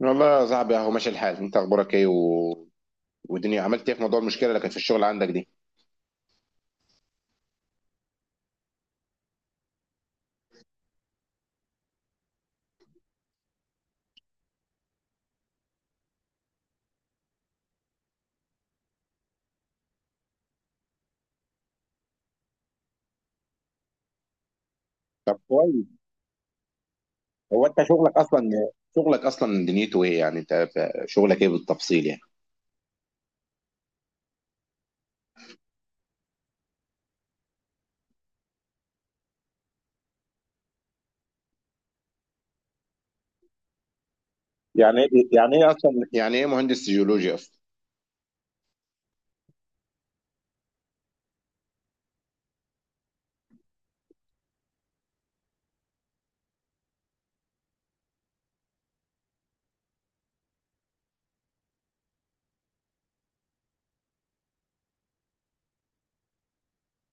والله يا صاحبي اهو ماشي الحال، انت اخبارك ايه و... والدنيا عملت ايه في موضوع المشكله اللي كانت في الشغل عندك دي؟ طب كويس. هو انت شغلك اصلا، دنيته ايه؟ يعني انت شغلك ايه بالتفصيل يعني؟ يعني ايه اصلا يعني ايه مهندس جيولوجيا اصلا؟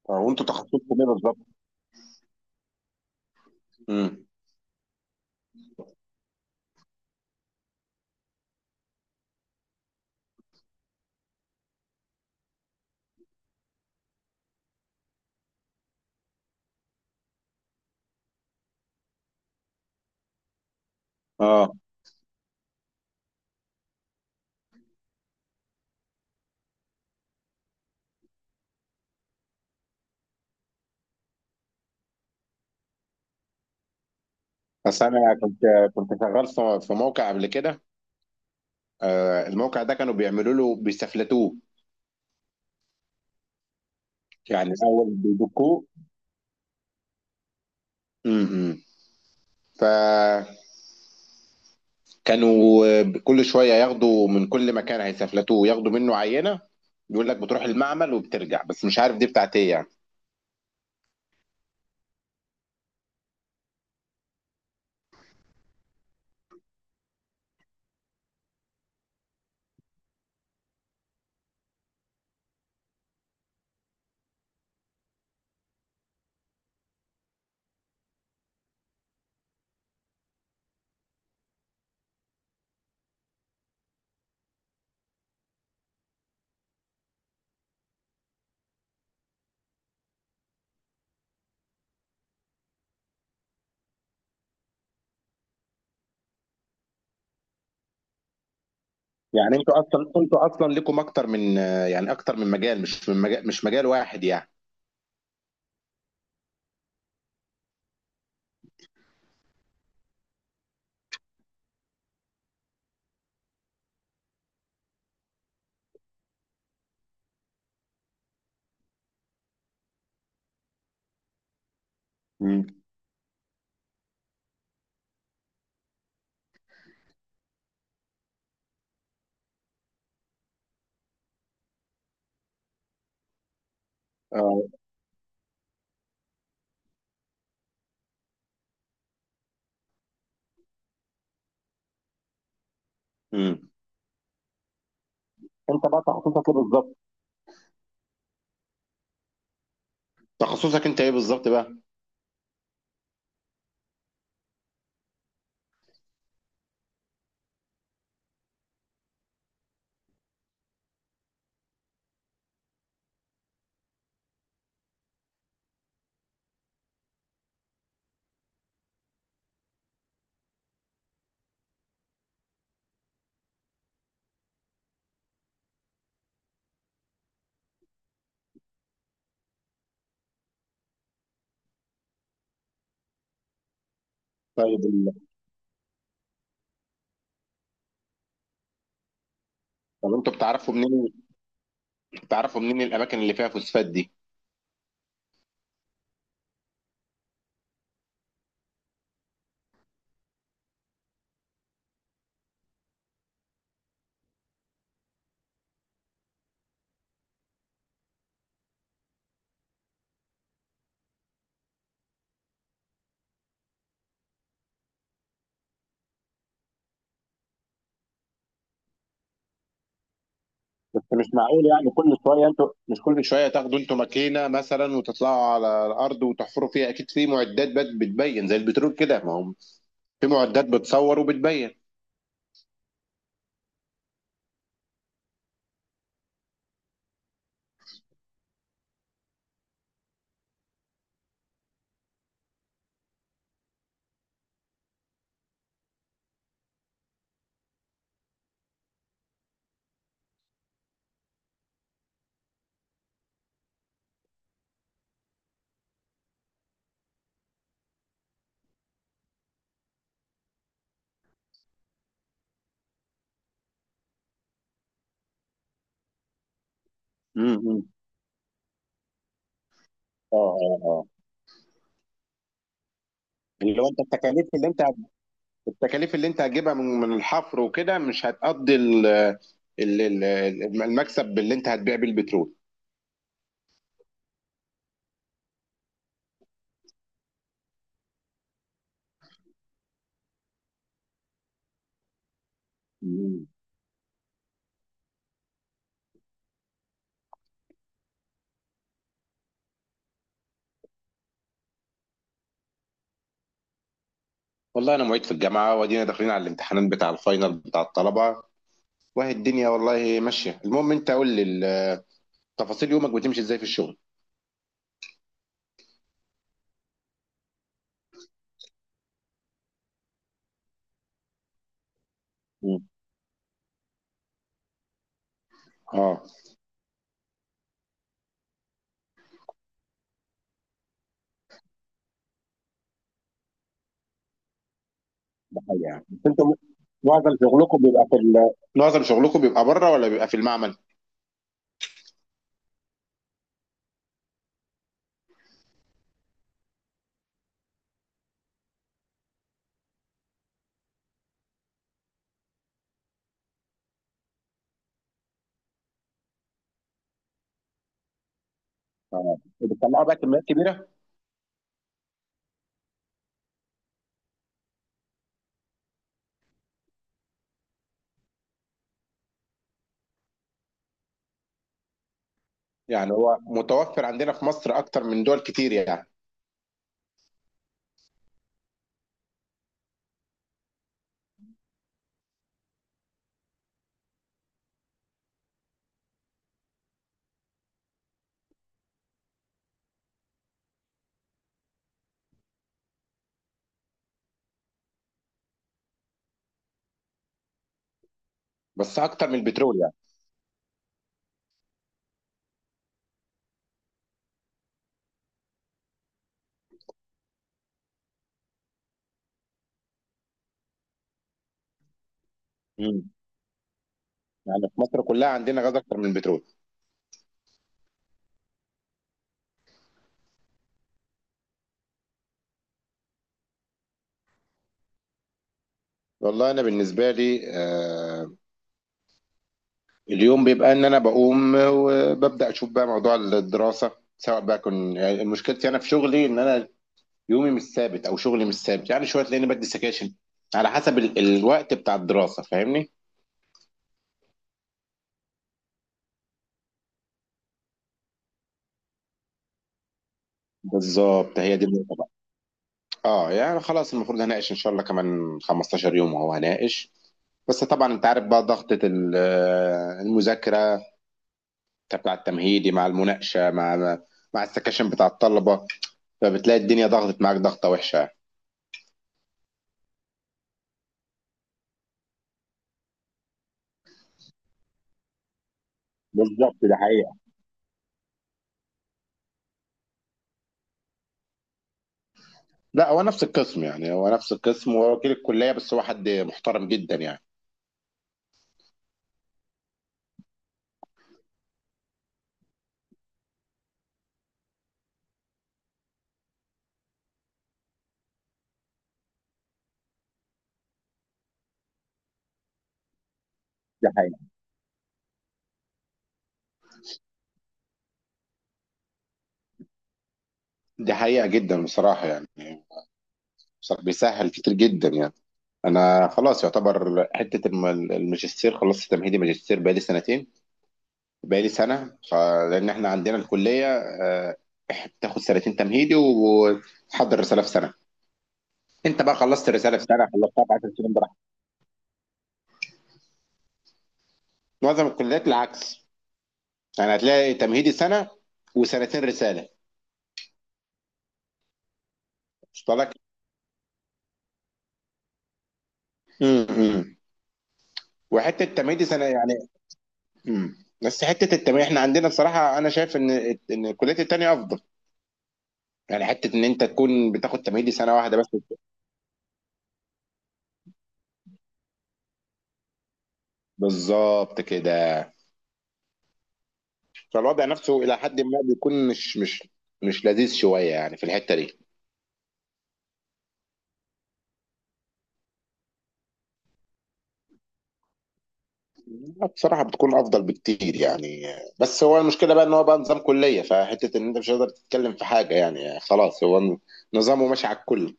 وانتوا تخصصكم ايه بالظبط؟ امم. اه بس انا كنت شغال في موقع قبل كده. الموقع ده كانوا بيعملوا له، بيستفلتوه، يعني الاول بيدقوه. امم. ف كانوا كل شويه ياخدوا من كل مكان هيسافلتوه، ياخدوا منه عينه. يقول لك بتروح المعمل وبترجع، بس مش عارف دي بتاعت ايه يعني. يعني انتوا اصلا ليكم اكتر من يعني اكتر من مجال، مش مجال واحد يعني. مم. اه. امم. انت بقى تخصصك ايه بالظبط؟ تخصصك انت ايه بالظبط بقى؟ طيب ال- طب انتوا بتعرفوا منين، بتعرفوا منين الاماكن اللي فيها فوسفات دي؟ بس مش معقول يعني كل شويه، انتوا مش كل شويه تاخدوا انتوا ماكينه مثلا وتطلعوا على الارض وتحفروا فيها. اكيد في معدات بتبين زي البترول كده. ما هو في معدات بتصور وبتبين. امم. اه اه اه. اللي هو انت التكاليف اللي انت، التكاليف اللي انت هتجيبها من من الحفر وكده مش هتقضي ال- ال- المكسب اللي انت هتبيع بيه البترول. مم. والله انا معيد في الجامعه وادينا داخلين على الامتحانات بتاع الفاينل بتاع الطلبه وهي الدنيا والله ماشيه. المهم انت قول لي تفاصيل يومك بتمشي ازاي في الشغل. مم. اه. ده حقيقة يعني. بس انتوا معظم شغلكم بيبقى في ال... معظم شغلكم بيبقى بره ولا بيبقى في المعمل؟ اه بتطلعوا بقى كميات كبيرة؟ يعني هو متوفر عندنا في مصر أكتر من دول كتير يعني؟ بس أكتر من البترول يعني؟ مم. يعني في مصر كلها عندنا غاز أكتر من البترول. والله أنا بالنسبة لي آه، اليوم بيبقى إن أنا بقوم وببدأ أشوف بقى موضوع الدراسة. سواء بقى كن يعني مشكلتي أنا في شغلي إن أنا يومي مش ثابت او شغلي مش ثابت، يعني شويه تلاقيني بدي سكاشن على حسب ال... الوقت بتاع الدراسه. فاهمني؟ بالظبط هي دي النقطه بقى. اه يعني خلاص، المفروض هناقش ان شاء الله كمان 15 يوم وهو هناقش. بس طبعا انت عارف بقى ضغطة المذاكرة بتاع التمهيدي مع المناقشة مع السكاشن بتاع الطلبة، فبتلاقي الدنيا ضغطت معاك ضغطة وحشة. بالظبط، ده حقيقة. لا هو نفس القسم، يعني هو نفس القسم، هو وكيل الكلية بس هو حد محترم جدا يعني. دي حقيقة. دي حقيقة جدا بصراحة يعني. صح، بيسهل كتير جدا يعني. انا خلاص يعتبر حته الماجستير، خلصت تمهيدي ماجستير بقالي سنتين، بقالي سنه لان احنا عندنا الكليه آه، بتاخد سنتين تمهيدي وتحضر رساله في سنه. انت بقى خلصت الرساله في سنه، خلصتها في 10 سنين براحتك. معظم الكليات العكس، يعني هتلاقي تمهيدي سنه وسنتين رساله. وصل لك؟ امم. وحته تمهيدي سنه يعني. امم. بس حته التمهيدي احنا عندنا بصراحه انا شايف ان ان الكليات التانيه افضل، يعني حته ان انت تكون بتاخد تمهيدي سنه واحده بس. بالظبط كده. فالوضع نفسه الى حد ما بيكون مش لذيذ شويه يعني في الحته دي. لا، بصراحه بتكون افضل بكتير يعني. بس هو المشكله بقى ان هو بقى نظام كليه، فحته ان انت مش هتقدر تتكلم في حاجه، يعني خلاص هو نظامه ماشي على الكل.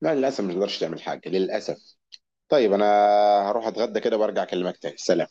لا للاسف مش تقدرش تعمل حاجه للاسف. طيب انا هروح اتغدى كده وارجع اكلمك تاني. سلام.